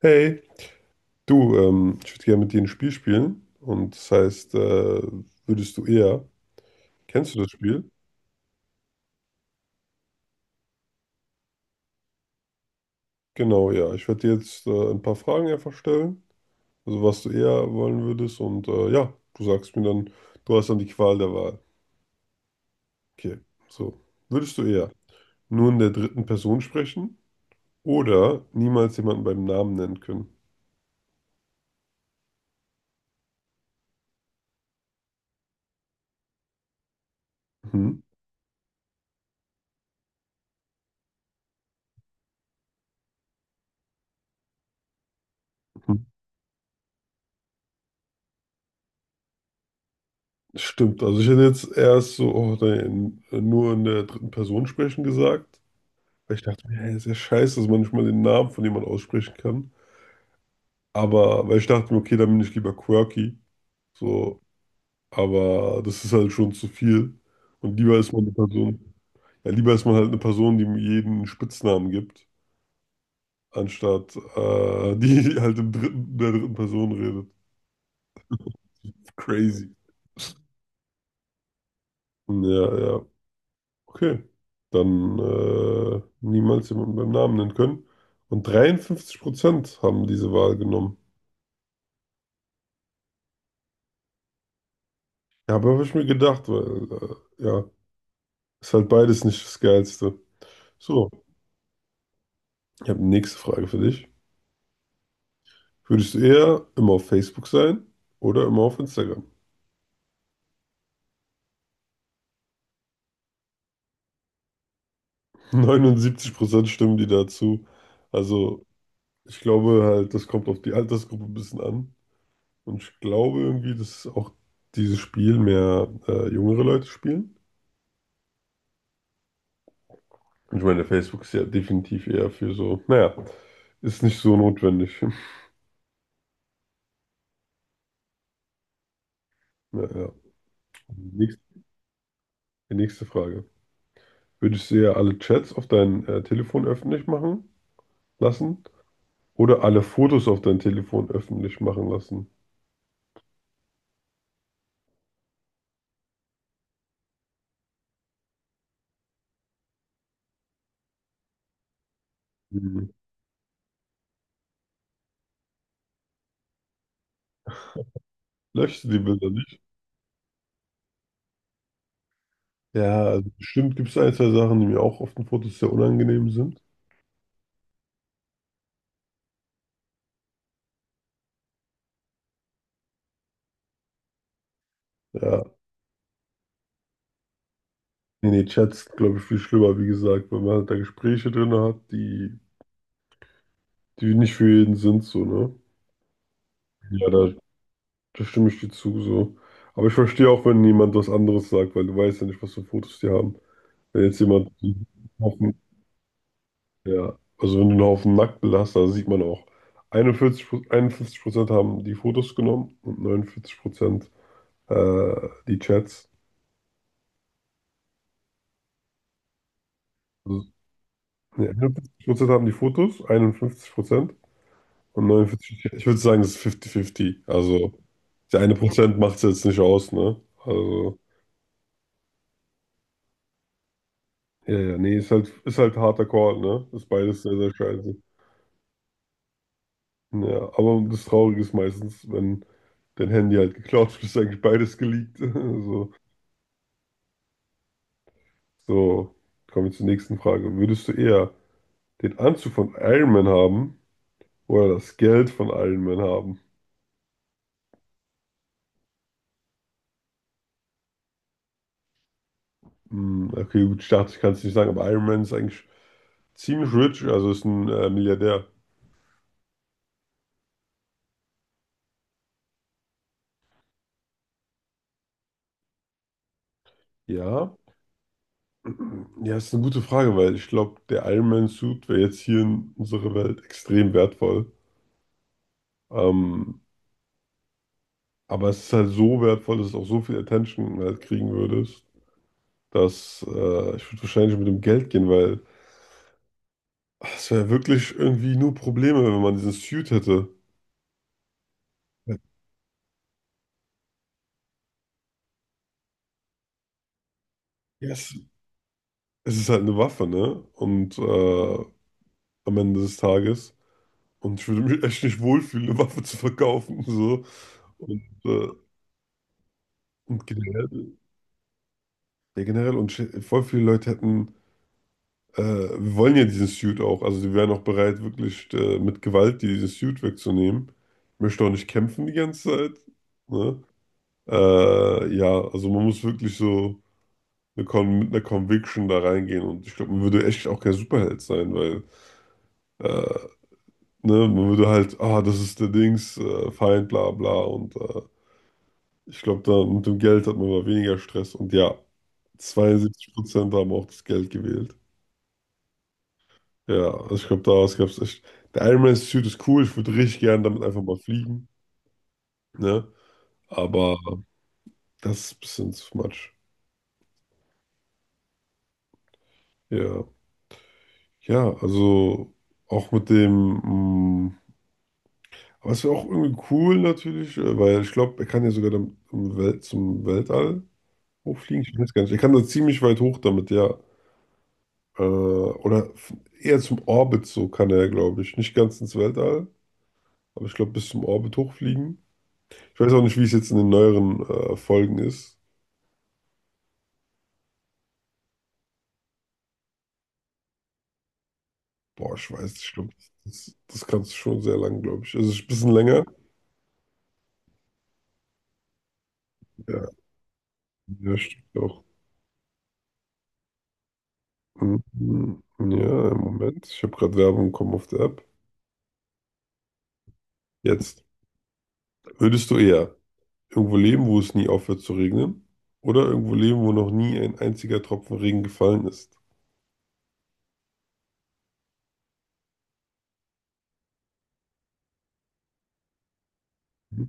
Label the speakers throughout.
Speaker 1: Hey, du, ich würde gerne mit dir ein Spiel spielen. Und das heißt, würdest du eher. Kennst du das Spiel? Genau, ja. Ich werde dir jetzt ein paar Fragen einfach stellen. Also, was du eher wollen würdest. Und ja, du sagst mir dann, du hast dann die Qual der Wahl. Okay, so. Würdest du eher nur in der dritten Person sprechen oder niemals jemanden beim Namen nennen können? Mhm. Mhm. Stimmt, also ich hätte jetzt erst so, oh, nein, nur in der dritten Person sprechen gesagt. Weil ich dachte mir, hey, ist ja scheiße, dass man nicht mal den Namen von jemandem aussprechen kann. Aber, weil ich dachte mir, okay, dann bin ich lieber quirky. So, aber das ist halt schon zu viel. Und lieber ist man eine Person, ja, lieber ist man halt eine Person, die mir jeden Spitznamen gibt, anstatt die halt der dritten Person redet. Crazy. Ja, ja. Okay. Dann niemals jemanden beim Namen nennen können. Und 53% haben diese Wahl genommen. Ja, aber habe ich mir gedacht, weil, ja, ist halt beides nicht das Geilste. So, ich habe die nächste Frage für dich. Würdest du eher immer auf Facebook sein oder immer auf Instagram? 79% stimmen die dazu. Also, ich glaube halt, das kommt auf die Altersgruppe ein bisschen an. Und ich glaube irgendwie, dass auch dieses Spiel mehr jüngere Leute spielen. Und ich meine, Facebook ist ja definitiv eher für so, naja, ist nicht so notwendig. Naja, die nächste die nächste Frage. Würdest du ja alle Chats auf dein Telefon öffentlich machen lassen oder alle Fotos auf dein Telefon öffentlich machen lassen? Hm. Löschst du die Bilder nicht? Ja, also bestimmt gibt es ein, zwei Sachen, die mir auch auf den Fotos sehr unangenehm sind. Ja, nee, nee, Chats, glaube ich, viel schlimmer, wie gesagt, weil man halt da Gespräche drin hat, die, die nicht für jeden sind, so, ne? Ja, da stimme ich dir zu, so. Aber ich verstehe auch, wenn jemand was anderes sagt, weil du weißt ja nicht, was für Fotos die haben. Wenn jetzt jemand. Ja, also wenn du einen Haufen Nacktbilder hast, da sieht man auch, 41, 51% haben die Fotos genommen und 49% die Chats. Also, nee, 51% haben die Fotos, 51% und 49 die. Ich würde sagen, es ist 50-50. Also der eine Prozent macht es jetzt nicht aus, ne? Also, ja, ja, nee, ist halt harter Call, ne? Ist beides sehr, sehr scheiße. Ja, aber das Traurige ist meistens, wenn dein Handy halt geklaut wird, ist eigentlich beides geleakt. So. So, kommen wir zur nächsten Frage. Würdest du eher den Anzug von Iron Man haben oder das Geld von Iron Man haben? Hm, okay, gut, ich dachte, ich kann es nicht sagen, aber Iron Man ist eigentlich ziemlich rich, also ist ein Milliardär. Ja, ja, ist eine gute Frage, weil ich glaube, der Iron Man Suit wäre jetzt hier in unserer Welt extrem wertvoll. Ähm, aber es ist halt so wertvoll, dass es auch so viel Attention halt kriegen würdest, dass ich würde wahrscheinlich mit dem Geld gehen, weil das wäre wirklich irgendwie nur Probleme, wenn man diesen Suit hätte. Yes. Es, ist halt eine Waffe, ne? Und am Ende des Tages. Und ich würde mich echt nicht wohlfühlen, eine Waffe zu verkaufen. So. Und, äh, und generell, ja, generell, voll viele Leute hätten, wir wollen ja diesen Suit auch. Also die wären auch bereit, wirklich mit Gewalt dir diesen Suit wegzunehmen. Ich möchte auch nicht kämpfen die ganze Zeit. Ne? Ja, also man muss wirklich so. Eine Con mit einer Conviction da reingehen und ich glaube, man würde echt auch kein Superheld sein, weil äh, ne, man würde halt, ah, das ist der Dings, Feind, bla bla und ich glaube, da mit dem Geld hat man mal weniger Stress und ja, 72% haben auch das Geld gewählt. Ja, also ich glaube, daraus gab es echt. Der Iron Man Suit ist cool, ich würde richtig gern damit einfach mal fliegen, ne? Aber das ist ein bisschen too much. Ja, ja, also auch mit dem. mm, Aber es wäre auch irgendwie cool natürlich, weil ich glaube, er kann ja sogar dann zum Weltall hochfliegen. Ich weiß gar nicht. Er kann da ziemlich weit hoch damit, ja. Oder eher zum Orbit so kann er, glaube ich. Nicht ganz ins Weltall, aber ich glaube bis zum Orbit hochfliegen. Ich weiß auch nicht, wie es jetzt in den neueren Folgen ist. Boah, ich weiß nicht, ich glaube, das kannst du schon sehr lang, glaube ich. Also ein bisschen länger. Ja, ja, stimmt auch. Mhm. Mhm. Ja, im Moment. Ich habe gerade Werbung bekommen auf der App. Jetzt würdest du eher. Irgendwo leben, wo es nie aufhört zu regnen. Oder irgendwo leben, wo noch nie ein einziger Tropfen Regen gefallen ist. Ich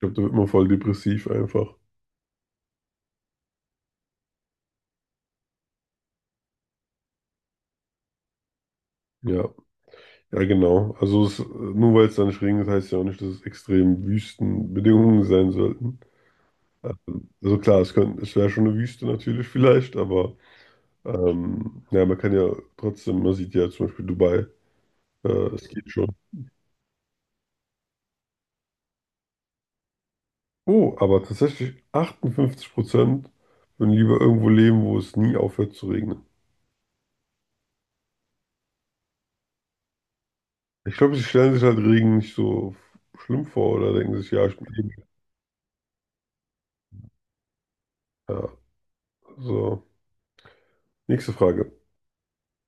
Speaker 1: glaube, da wird man voll depressiv einfach. Ja, ja, genau. Also es, nur weil es da nicht regnet, heißt ja auch nicht, dass es extrem Wüstenbedingungen sein sollten. Also klar, es könnte, es wäre schon eine Wüste natürlich vielleicht, aber ja, man kann ja trotzdem, man sieht ja zum Beispiel Dubai, äh, es geht schon. Oh, aber tatsächlich 58% würden lieber irgendwo leben, wo es nie aufhört zu regnen. Ich glaube, sie stellen sich halt Regen nicht so schlimm vor oder denken sich, ja, ich bin eh. Ja, so. Nächste Frage.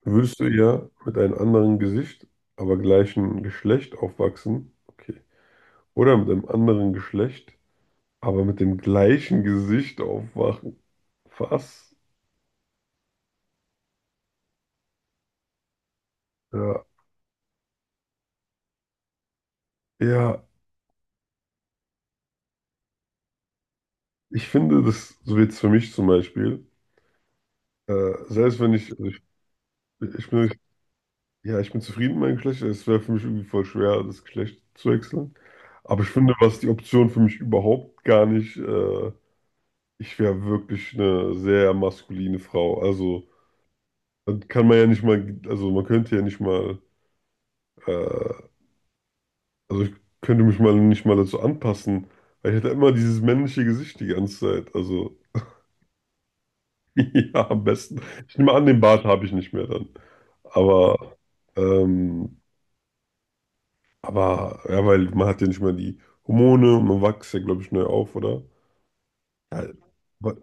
Speaker 1: Würdest du eher mit einem anderen Gesicht, aber gleichen Geschlecht aufwachsen? Okay. Oder mit einem anderen Geschlecht, aber mit dem gleichen Gesicht aufwachen? Was? Ja. Ja, ich finde das, so jetzt für mich zum Beispiel, selbst wenn ich, also ich bin, ja, ich bin zufrieden mit meinem Geschlecht, es wäre für mich irgendwie voll schwer, das Geschlecht zu wechseln. Aber ich finde, was die Option für mich überhaupt gar nicht, ich wäre wirklich eine sehr maskuline Frau. Also, dann kann man ja nicht mal, also man könnte ja nicht mal, äh, also ich könnte mich mal nicht mal dazu anpassen, weil ich hätte immer dieses männliche Gesicht die ganze Zeit. Also, ja, am besten. Ich nehme an, den Bart habe ich nicht mehr dann. Aber, ähm, aber, ja, weil man hat ja nicht mal die Hormone und man wächst ja, glaube ich, neu auf, oder? Ja,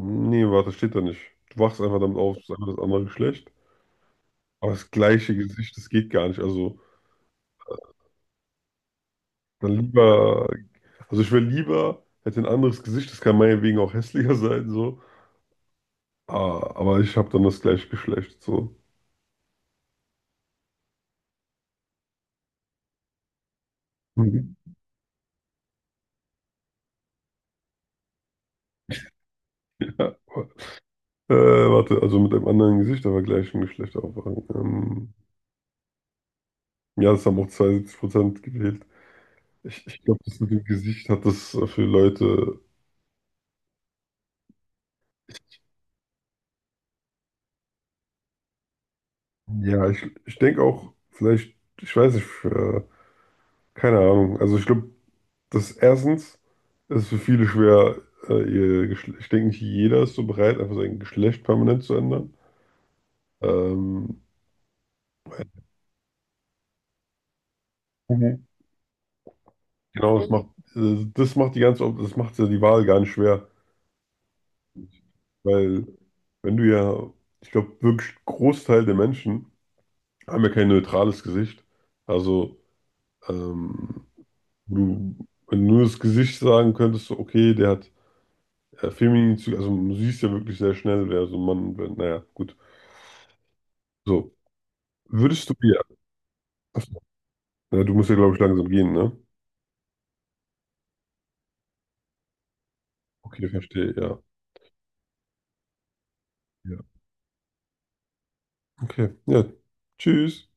Speaker 1: nee, warte, steht da nicht. Du wachst einfach damit auf, es ist einfach das andere Geschlecht. Aber das gleiche Gesicht, das geht gar nicht. Also, dann lieber, also ich wäre lieber, hätte ein anderes Gesicht, das kann meinetwegen auch hässlicher sein, so. Ah, aber ich habe dann das gleiche Geschlecht, so. Mhm. Ja. Warte, also mit einem anderen Gesicht, aber gleichem Geschlecht aufwachen. Ja, das haben auch 72% gewählt. Ich glaube, das mit dem Gesicht hat das für Leute. Ja, ich denke auch, vielleicht, ich weiß nicht, keine Ahnung. Also ich glaube, das erstens ist für viele schwer, ich denke nicht jeder ist so bereit, einfach sein Geschlecht permanent zu ändern. Ähm, Mhm. Genau, das macht ja die Wahl gar nicht schwer, weil wenn du ja, ich glaube, wirklich Großteil der Menschen haben ja kein neutrales Gesicht. Also ähm, du, wenn du nur das Gesicht sagen könntest, so, okay, der hat feminin, Züge, also du siehst ja wirklich sehr schnell, wer so ein Mann, und naja, gut. So. Würdest du dir, achso, ja, du musst ja, glaube ich, langsam gehen, ne? Okay, verstehe, ja. Ja. Okay, ja. Tschüss.